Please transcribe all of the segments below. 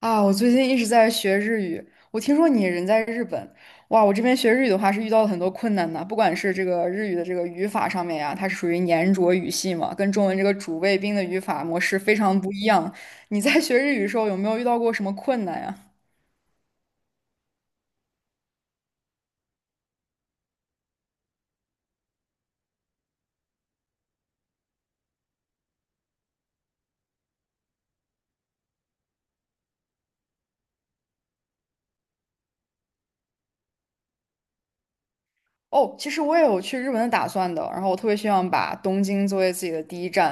啊，我最近一直在学日语。我听说你人在日本，哇，我这边学日语的话是遇到了很多困难的，不管是这个日语的这个语法上面呀，它是属于黏着语系嘛，跟中文这个主谓宾的语法模式非常不一样。你在学日语的时候有没有遇到过什么困难呀？哦，其实我也有去日本的打算的，然后我特别希望把东京作为自己的第一站，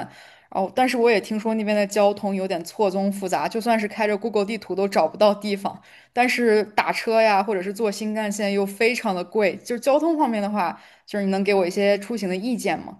然后但是我也听说那边的交通有点错综复杂，就算是开着 Google 地图都找不到地方，但是打车呀，或者是坐新干线又非常的贵，就是交通方面的话，就是你能给我一些出行的意见吗？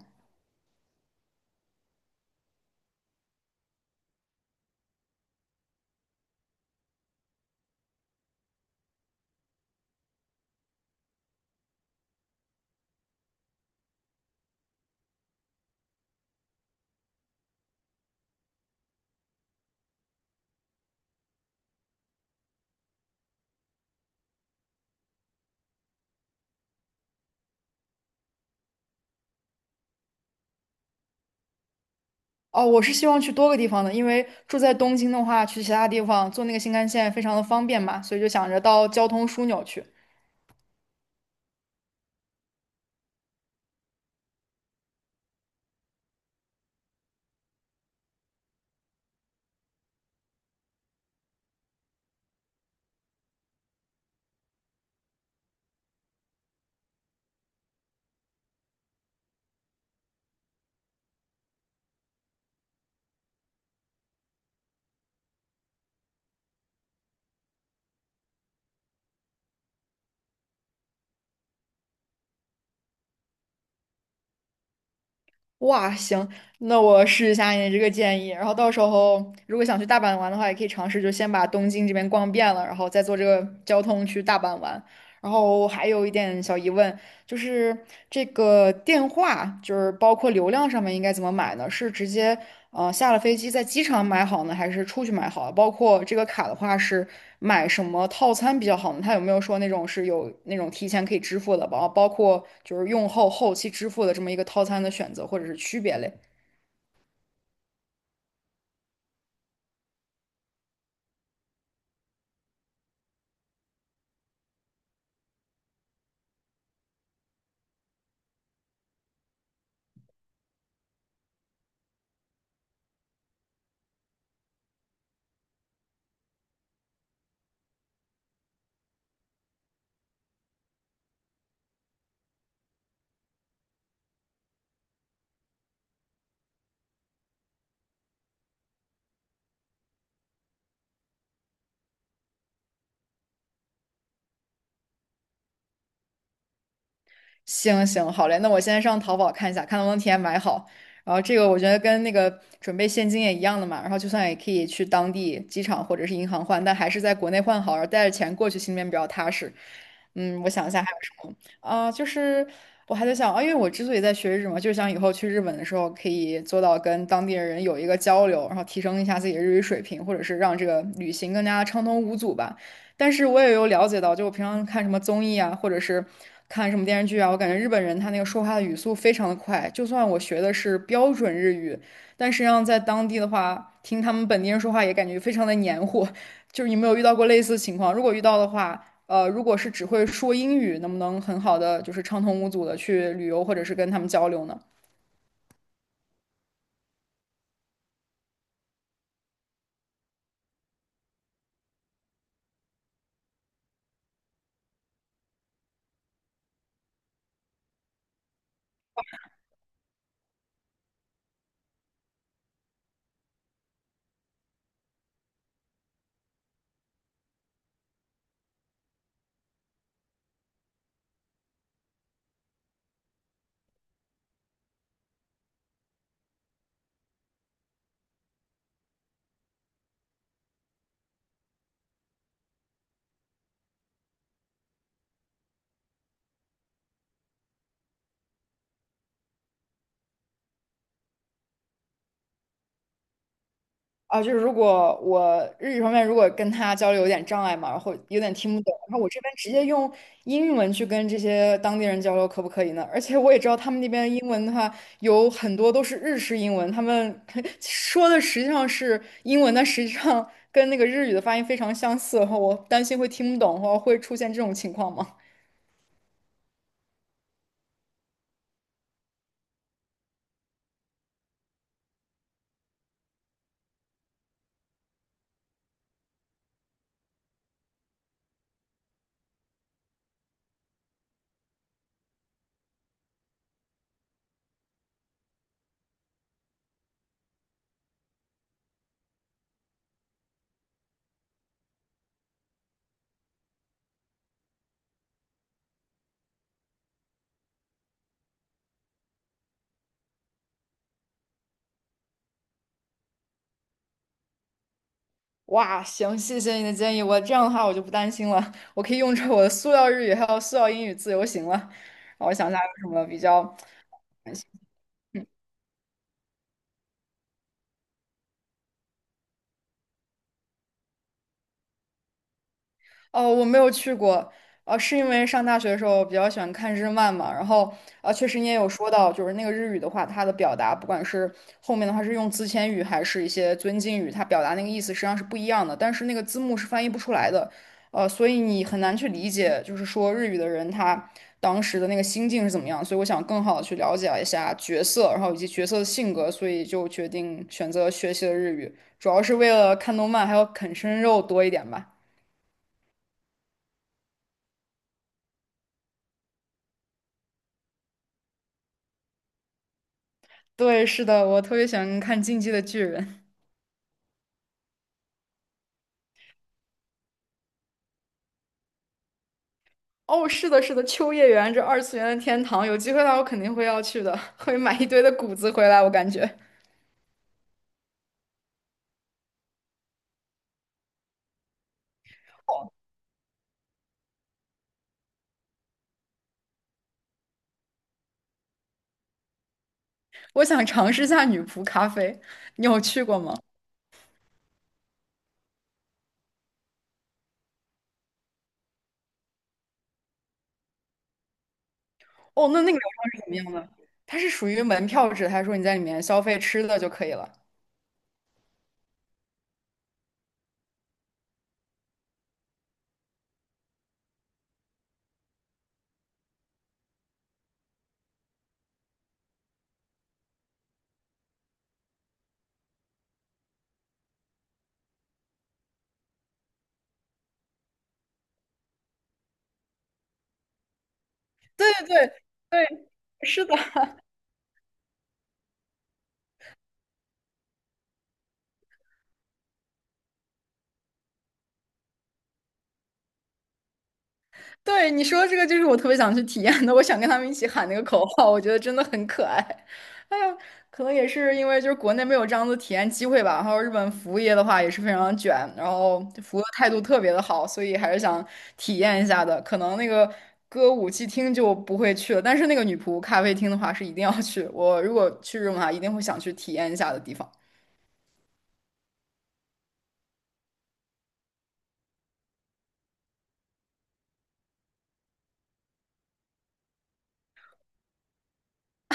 哦，我是希望去多个地方的，因为住在东京的话，去其他地方坐那个新干线非常的方便嘛，所以就想着到交通枢纽去。哇，行，那我试一下你这个建议。然后到时候如果想去大阪玩的话，也可以尝试就先把东京这边逛遍了，然后再坐这个交通去大阪玩。然后还有一点小疑问，就是这个电话，就是包括流量上面应该怎么买呢？是直接下了飞机在机场买好呢，还是出去买好？包括这个卡的话，是买什么套餐比较好呢？它有没有说那种是有那种提前可以支付的，包括就是用后期支付的这么一个套餐的选择或者是区别嘞？行行，好嘞，那我现在上淘宝看一下，看能不能提前买好。然后这个我觉得跟那个准备现金也一样的嘛，然后就算也可以去当地机场或者是银行换，但还是在国内换好，然后带着钱过去，心里面比较踏实。嗯，我想一下还有什么啊、就是我还在想啊，因为我之所以在学日语嘛，就是想以后去日本的时候可以做到跟当地的人有一个交流，然后提升一下自己的日语水平，或者是让这个旅行更加畅通无阻吧。但是我也有了解到，就我平常看什么综艺啊，或者是看什么电视剧啊，我感觉日本人他那个说话的语速非常的快，就算我学的是标准日语，但实际上在当地的话，听他们本地人说话也感觉非常的黏糊。就是你没有遇到过类似情况？如果遇到的话，如果是只会说英语，能不能很好的就是畅通无阻的去旅游或者是跟他们交流呢？啊，就是如果我日语方面如果跟他交流有点障碍嘛，然后有点听不懂，然后我这边直接用英文去跟这些当地人交流，可不可以呢？而且我也知道他们那边英文的话，有很多都是日式英文，他们 说的实际上是英文，但实际上跟那个日语的发音非常相似，然后我担心会听不懂，或会出现这种情况吗？哇，行，谢谢你的建议，我这样的话我就不担心了，我可以用着我的塑料日语还有塑料英语自由行了。然后我想一下有什么比较。哦，我没有去过，是因为上大学的时候比较喜欢看日漫嘛，然后确实你也有说到，就是那个日语的话，它的表达，不管是后面的话是用自谦语还是一些尊敬语，它表达那个意思实际上是不一样的，但是那个字幕是翻译不出来的，所以你很难去理解，就是说日语的人他当时的那个心境是怎么样，所以我想更好的去了解一下角色，然后以及角色的性格，所以就决定选择学习了日语，主要是为了看动漫，还有啃生肉多一点吧。对，是的，我特别喜欢看《进击的巨人》。哦，是的，是的，秋叶原这二次元的天堂，有机会的话我肯定会要去的，会买一堆的谷子回来。我感觉，我想尝试一下女仆咖啡，你有去过吗？哦，那那个地方是怎么样的？它是属于门票制，还是说你在里面消费吃的就可以了？对对对，对，是的，对，你说这个就是我特别想去体验的，我想跟他们一起喊那个口号，我觉得真的很可爱。哎呀，可能也是因为就是国内没有这样的体验机会吧，然后日本服务业的话也是非常卷，然后服务态度特别的好，所以还是想体验一下的。可能那个歌舞伎厅就不会去了，但是那个女仆咖啡厅的话是一定要去，我如果去日本的话，一定会想去体验一下的地方。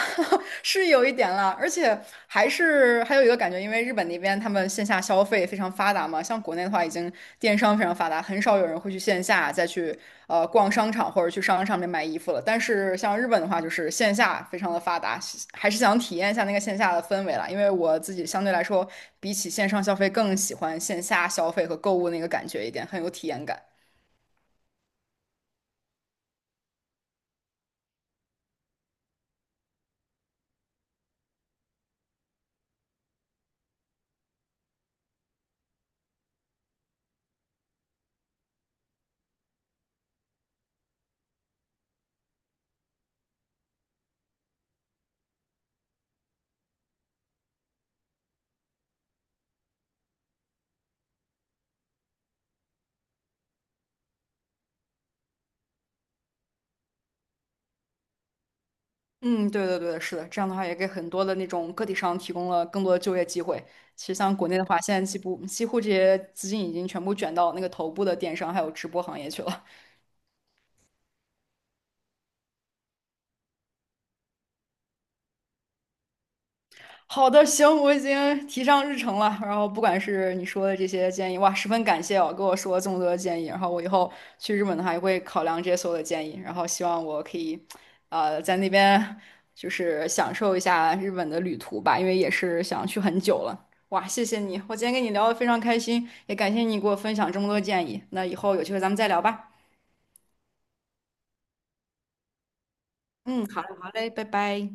是有一点了，而且还是还有一个感觉，因为日本那边他们线下消费非常发达嘛，像国内的话已经电商非常发达，很少有人会去线下再去逛商场或者去商场里面买衣服了。但是像日本的话，就是线下非常的发达，还是想体验一下那个线下的氛围啦。因为我自己相对来说，比起线上消费更喜欢线下消费和购物那个感觉一点，很有体验感。嗯，对对对，是的，这样的话也给很多的那种个体商提供了更多的就业机会。其实像国内的话，现在几乎这些资金已经全部卷到那个头部的电商还有直播行业去了。好的，行，我已经提上日程了。然后不管是你说的这些建议，哇，十分感谢哦，跟我说了这么多的建议。然后我以后去日本的话，也会考量这些所有的建议。然后希望我可以，在那边就是享受一下日本的旅途吧，因为也是想去很久了。哇，谢谢你，我今天跟你聊的非常开心，也感谢你给我分享这么多建议。那以后有机会咱们再聊吧。嗯，好嘞，好嘞，拜拜。